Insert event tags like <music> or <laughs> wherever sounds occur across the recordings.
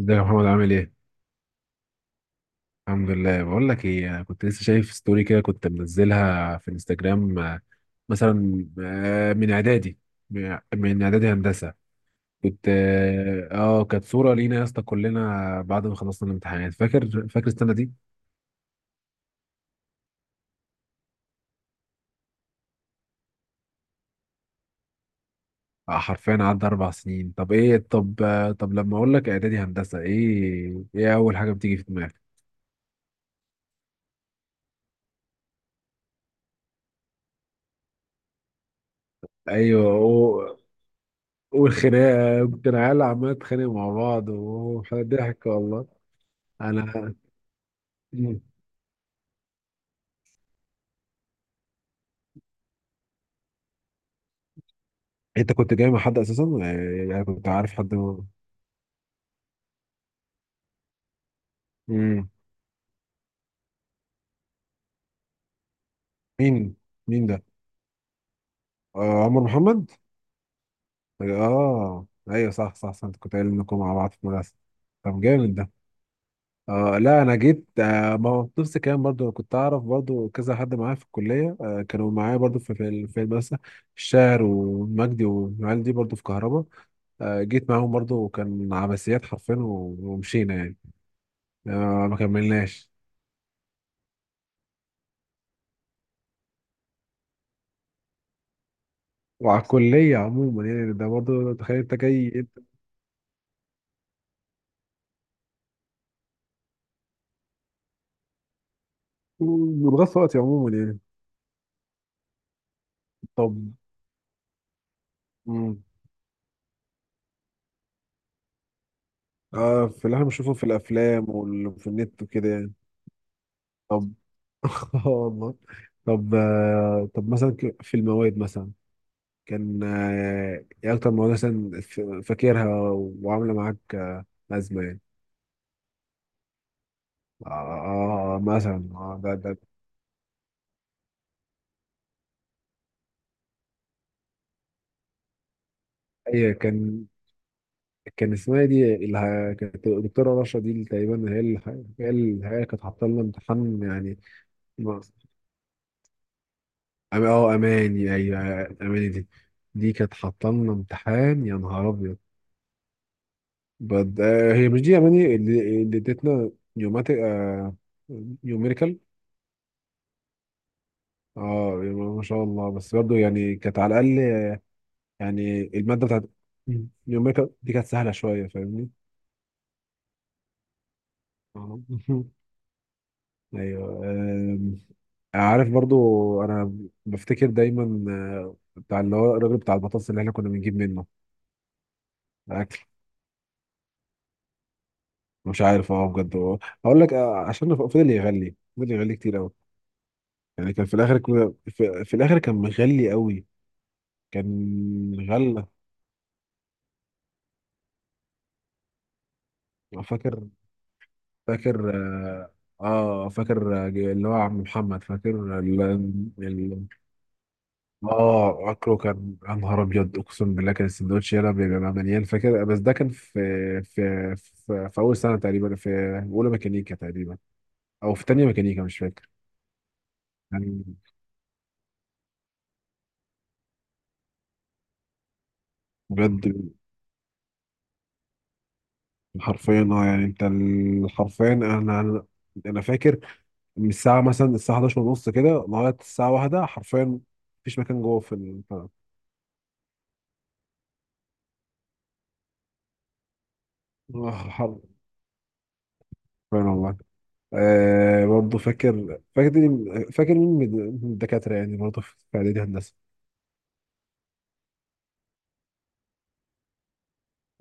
ازيك يا محمد، عامل ايه؟ الحمد لله. بقول لك ايه، انا كنت لسه شايف ستوري كده كنت منزلها في الانستجرام مثلا من اعدادي من اعدادي هندسه. كنت كانت صوره لينا يا اسطى كلنا بعد ما خلصنا الامتحانات. فاكر السنه دي؟ حرفيا عدى 4 سنين. طب ايه، طب طب لما اقول لك اعدادي هندسه، ايه ايه اول حاجه بتيجي في دماغك؟ ايوه، والخناقه كنا عيال عماله تتخانق مع بعض وضحك والله. انا. انت كنت جاي مع حد اساسا؟ يعني كنت عارف حد. امم. مين مين ده؟ آه عمر محمد. اه ايوه، صح صح صح، انت كنت قايل انكم مع بعض في المدرسه. طب جامد ده. آه لا، انا جيت. آه، ما هو نفس الكلام برضو، كنت اعرف برضو كذا حد معايا في الكليه، كانوا معايا برضو في في المدرسه. الشاعر ومجدي والعيال دي برضو في كهرباء. آه جيت معاهم برضو، وكان عباسيات حرفيا ومشينا يعني. آه ما كملناش. وعلى الكليه عموما يعني، ده برضو تخيل انت جاي بتغطي وقتي عموما يعني. طب. مم. آه، في اللي احنا بنشوفه في الافلام وفي النت وكده يعني. طب. <laughs> آه والله. طب طب مثلا، في المواد مثلا، كان ايه اكتر مواد مثلا فاكرها وعامله معاك ازمه يعني. آه مثلا آه ده ده. هي كان. كان اسمها إيه دي اللي كانت الدكتوره رشا دي اللي تقريبا هي اللي، هي اللي، هي كانت حاطه لنا امتحان يعني. اه اماني، ايوه. اماني دي، دي كانت حاطه لنا امتحان، يا نهار ابيض. آه هي مش دي اماني اللي ادتنا نيوماتيك. آه نيوميريكال. اه ما شاء الله. بس برضه يعني كانت على الاقل يعني، الماده بتاعت نيوميريكال دي كانت سهله شويه فاهمني. آه. <laughs> ايوه عارف برضو، انا بفتكر دايما آه، بتاع اللي هو الراجل بتاع البطاطس اللي احنا كنا بنجيب منه. مش عارف، اه بجد هقول لك آه، عشان فضل يغلي كتير قوي يعني. كان في الاخر كده، في الاخر كان مغلي قوي. كان غلى. آه، فاكر. فاكر اه. آه فاكر، آه، اللي هو عم محمد، فاكر ال... ال... اه اكله كان يا نهار ابيض. اقسم بالله كان السندوتش يلا بيبقى مليان، فاكر. بس ده كان في في اول سنه تقريبا، في اولى ميكانيكا تقريبا. او في تانية ميكانيكا، مش فاكر. يعني بجد حرفيا اه يعني، حرفيا انا انا أنا فاكر، من الساعه مثلا الساعه 11 ونص كده لغايه الساعه واحدة حرفيا مفيش مكان جوه في البتاع. آه، حرفيا والله. آه برضه فاكر، فاكر مين من من الدكاتره يعني برضه في اعدادي هندسه.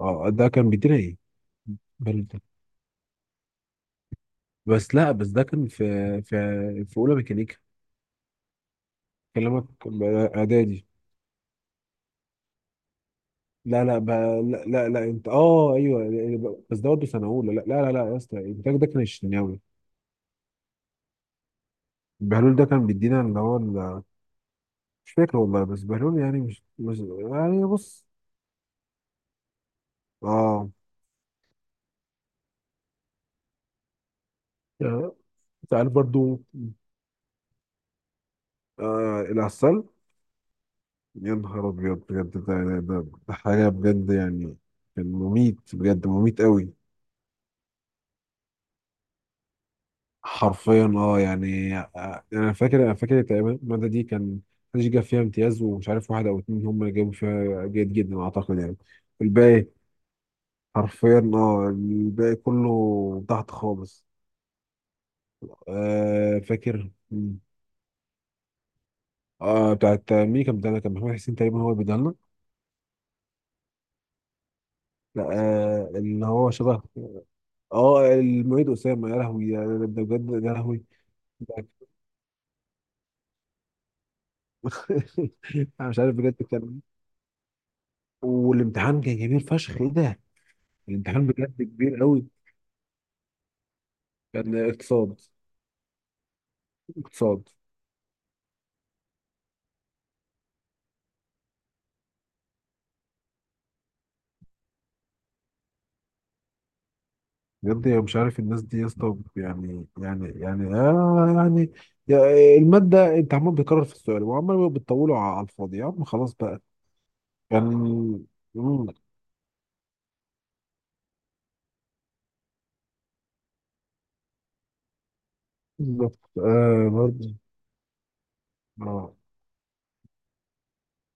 اه ده كان بيدينا ايه؟ بل- بس لا، بس ده كان في في في اولى ميكانيكا. كلامك اعدادي. لا لا بقى، لا لا لا انت، اه ايوه، بس ده برضه سنه اولى. لا يا اسطى، انت ده كان الشناوي. بهلول ده كان بيدينا اللي هو مش فاكر والله. بس بهلول يعني مش، يعني بص. اه يعني. انت عارف برضو، العسل. يا نهار ابيض بجد، ده حاجه بجد يعني. كان مميت بجد، مميت قوي. حرفيا اه يعني، آه، انا فاكر تقريبا الماده دي كان محدش جاب فيها امتياز، ومش عارف واحد او اتنين هم اللي جابوا فيها جيد جدا اعتقد يعني. الباقي حرفيا اه، الباقي كله تحت خالص. آه فاكر. آه بتاعت مين؟ كان بتاعنا كان محمد حسين تقريبا هو اللي بيديها لنا. لا آه اللي هو شبه. اه المعيد أسامة. يا لهوي، ده ده بجد يا لهوي. ده- <laughs> انا مش عارف بجد كان. والامتحان كان كبير فشخ، ايه ده. الامتحان بجد كبير قوي. كان اقتصاد. اقتصاد. بجد أنا مش عارف الناس دي يا اسطى يعني يعني يعني آه يعني، المادة انت عمال بتكرر في السؤال وعمال بتطوله على الفاضي، يا عم خلاص بقى. كان. مم. بالظبط آه برضه. اه.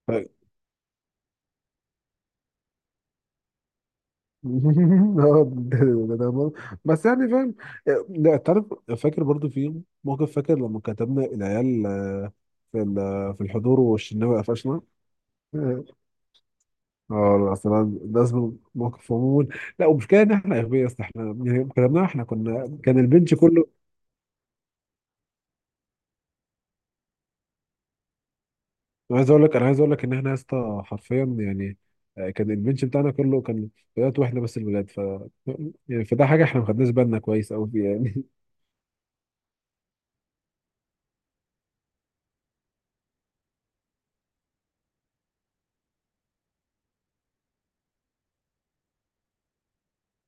طيب. <laughs> آه، ده برضه. بس يعني فاهم. لا تعرف، فاكر برضو في موقف، فاكر لما كتبنا العيال آه، في في الحضور والشناوي قفشنا. <laughs> اه لا، اصلا لازم موقف عموما. لا، ومشكلة ان احنا اغبياء يا اسطى، احنا يعني كلامنا، احنا كنا كان البنش كله. انا عايز اقول لك، ان احنا يا اسطى حرفيا يعني، آه، كان البنش بتاعنا كله كان ولاد، واحنا بس الولاد ف يعني، فده حاجه احنا ما خدناش بالنا كويس قوي يعني.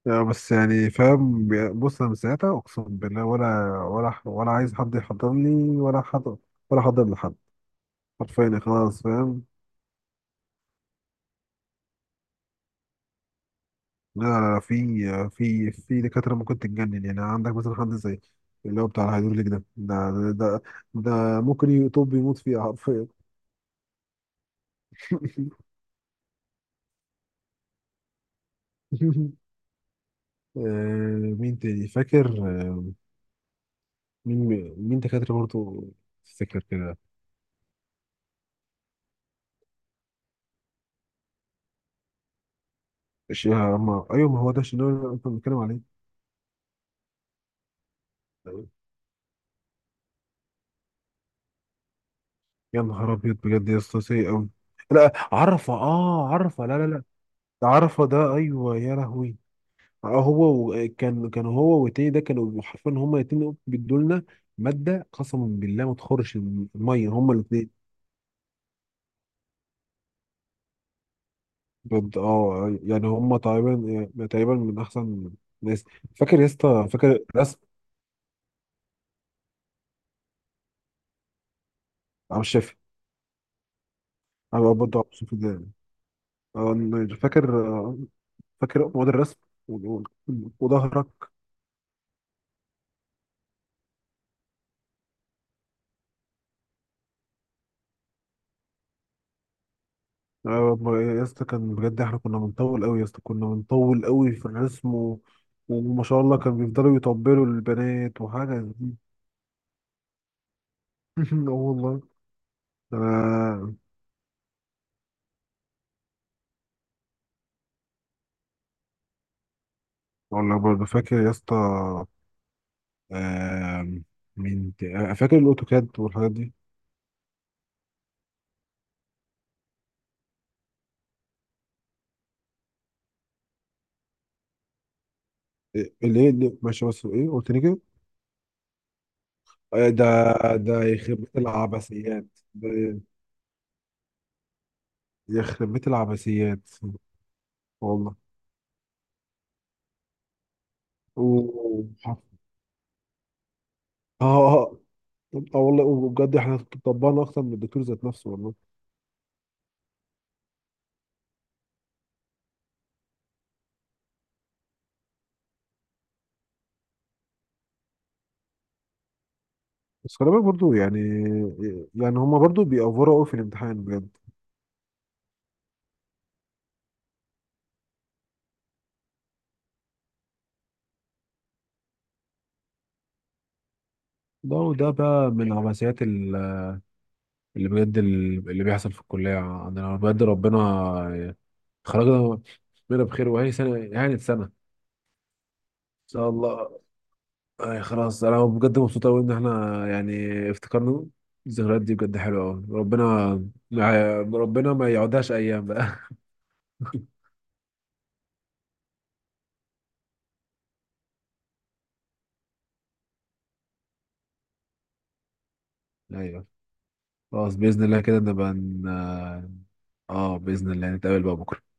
لا بس يعني فاهم. بص، انا من ساعتها اقسم بالله، ولا ولا ولا عايز حد يحضر لي، ولا حد، ولا حضر لحد. حرفيا، خلاص فاهم. لا لا لا، في في دكاتره ممكن تتجنن يعني. عندك مثلا حد زي اللي هو بتاع الهيدروليك ده، ده ممكن يطب يموت فيها حرفيا. <laughs> آه، مين تاني فاكر؟ مين مين دكاتره برضه تفتكر كده. الشيخ عمار. ايوه ما هو ده الشيخ اللي أنا كنت بنتكلم عليه. يا نهار ابيض بجد يا اسطى، سيء قوي. لا عرفه، اه عرفه، لا لا لا. ده عرفه ده، ايوه يا لهوي. آه، هو كان هو والتاني ده كانوا حرفيا هما الاتنين بيدوا لنا ماده قسما بالله ما تخرش الميه، هما الاتنين. بجد اه يعني، هما تقريبا، يعني تقريبا من احسن ناس. فاكر يا اسطى، فاكر رسم. عم الشافي. انا برضه عم الشافي ده، آه فاكر، آه فاكر مواد الرسم و- و- وظهرك. آه ما-، يا اسطى كان بجد، احنا كنا بنطول قوي يا اسطى، كنا بنطول قوي في الرسم و... وما شاء الله كان بيفضلوا يطبلوا للبنات وحاجة دي. <laughs> اه والله. انا والله برضه فاكر يا اسطى آم، مين آه فاكر الاوتوكاد والحاجات دي. إيه، اللي ماشي، بس ايه قلت لي كده؟ آه ده. ده يخرب بيت العبثيات. ده يخرب بيت العبثيات. والله و... <laughs> اه آه، اه والله، وبجد احنا طبقنا اكتر من الدكتور ذات نفسه والله. بس خلي بالك برضه يعني، يعني هما برضه بيأفوروا قوي في الامتحان بجد. ده، وده بقى من عبثيات اللي بجد، اللي بيحصل في الكلية عندنا. بجد ربنا خرجنا منها بخير، وهي سنة، يعني سنة إن شاء الله. أي خلاص، أنا بجد مبسوط أوي إن إحنا يعني افتكرنا الذكريات دي، بجد حلوة أوي. ربنا، ربنا ما يقعدهاش أيام بقى. <laughs> أيوه. خلاص بإذن الله كده نبقى اه باذن الله نتقابل بقى بكره.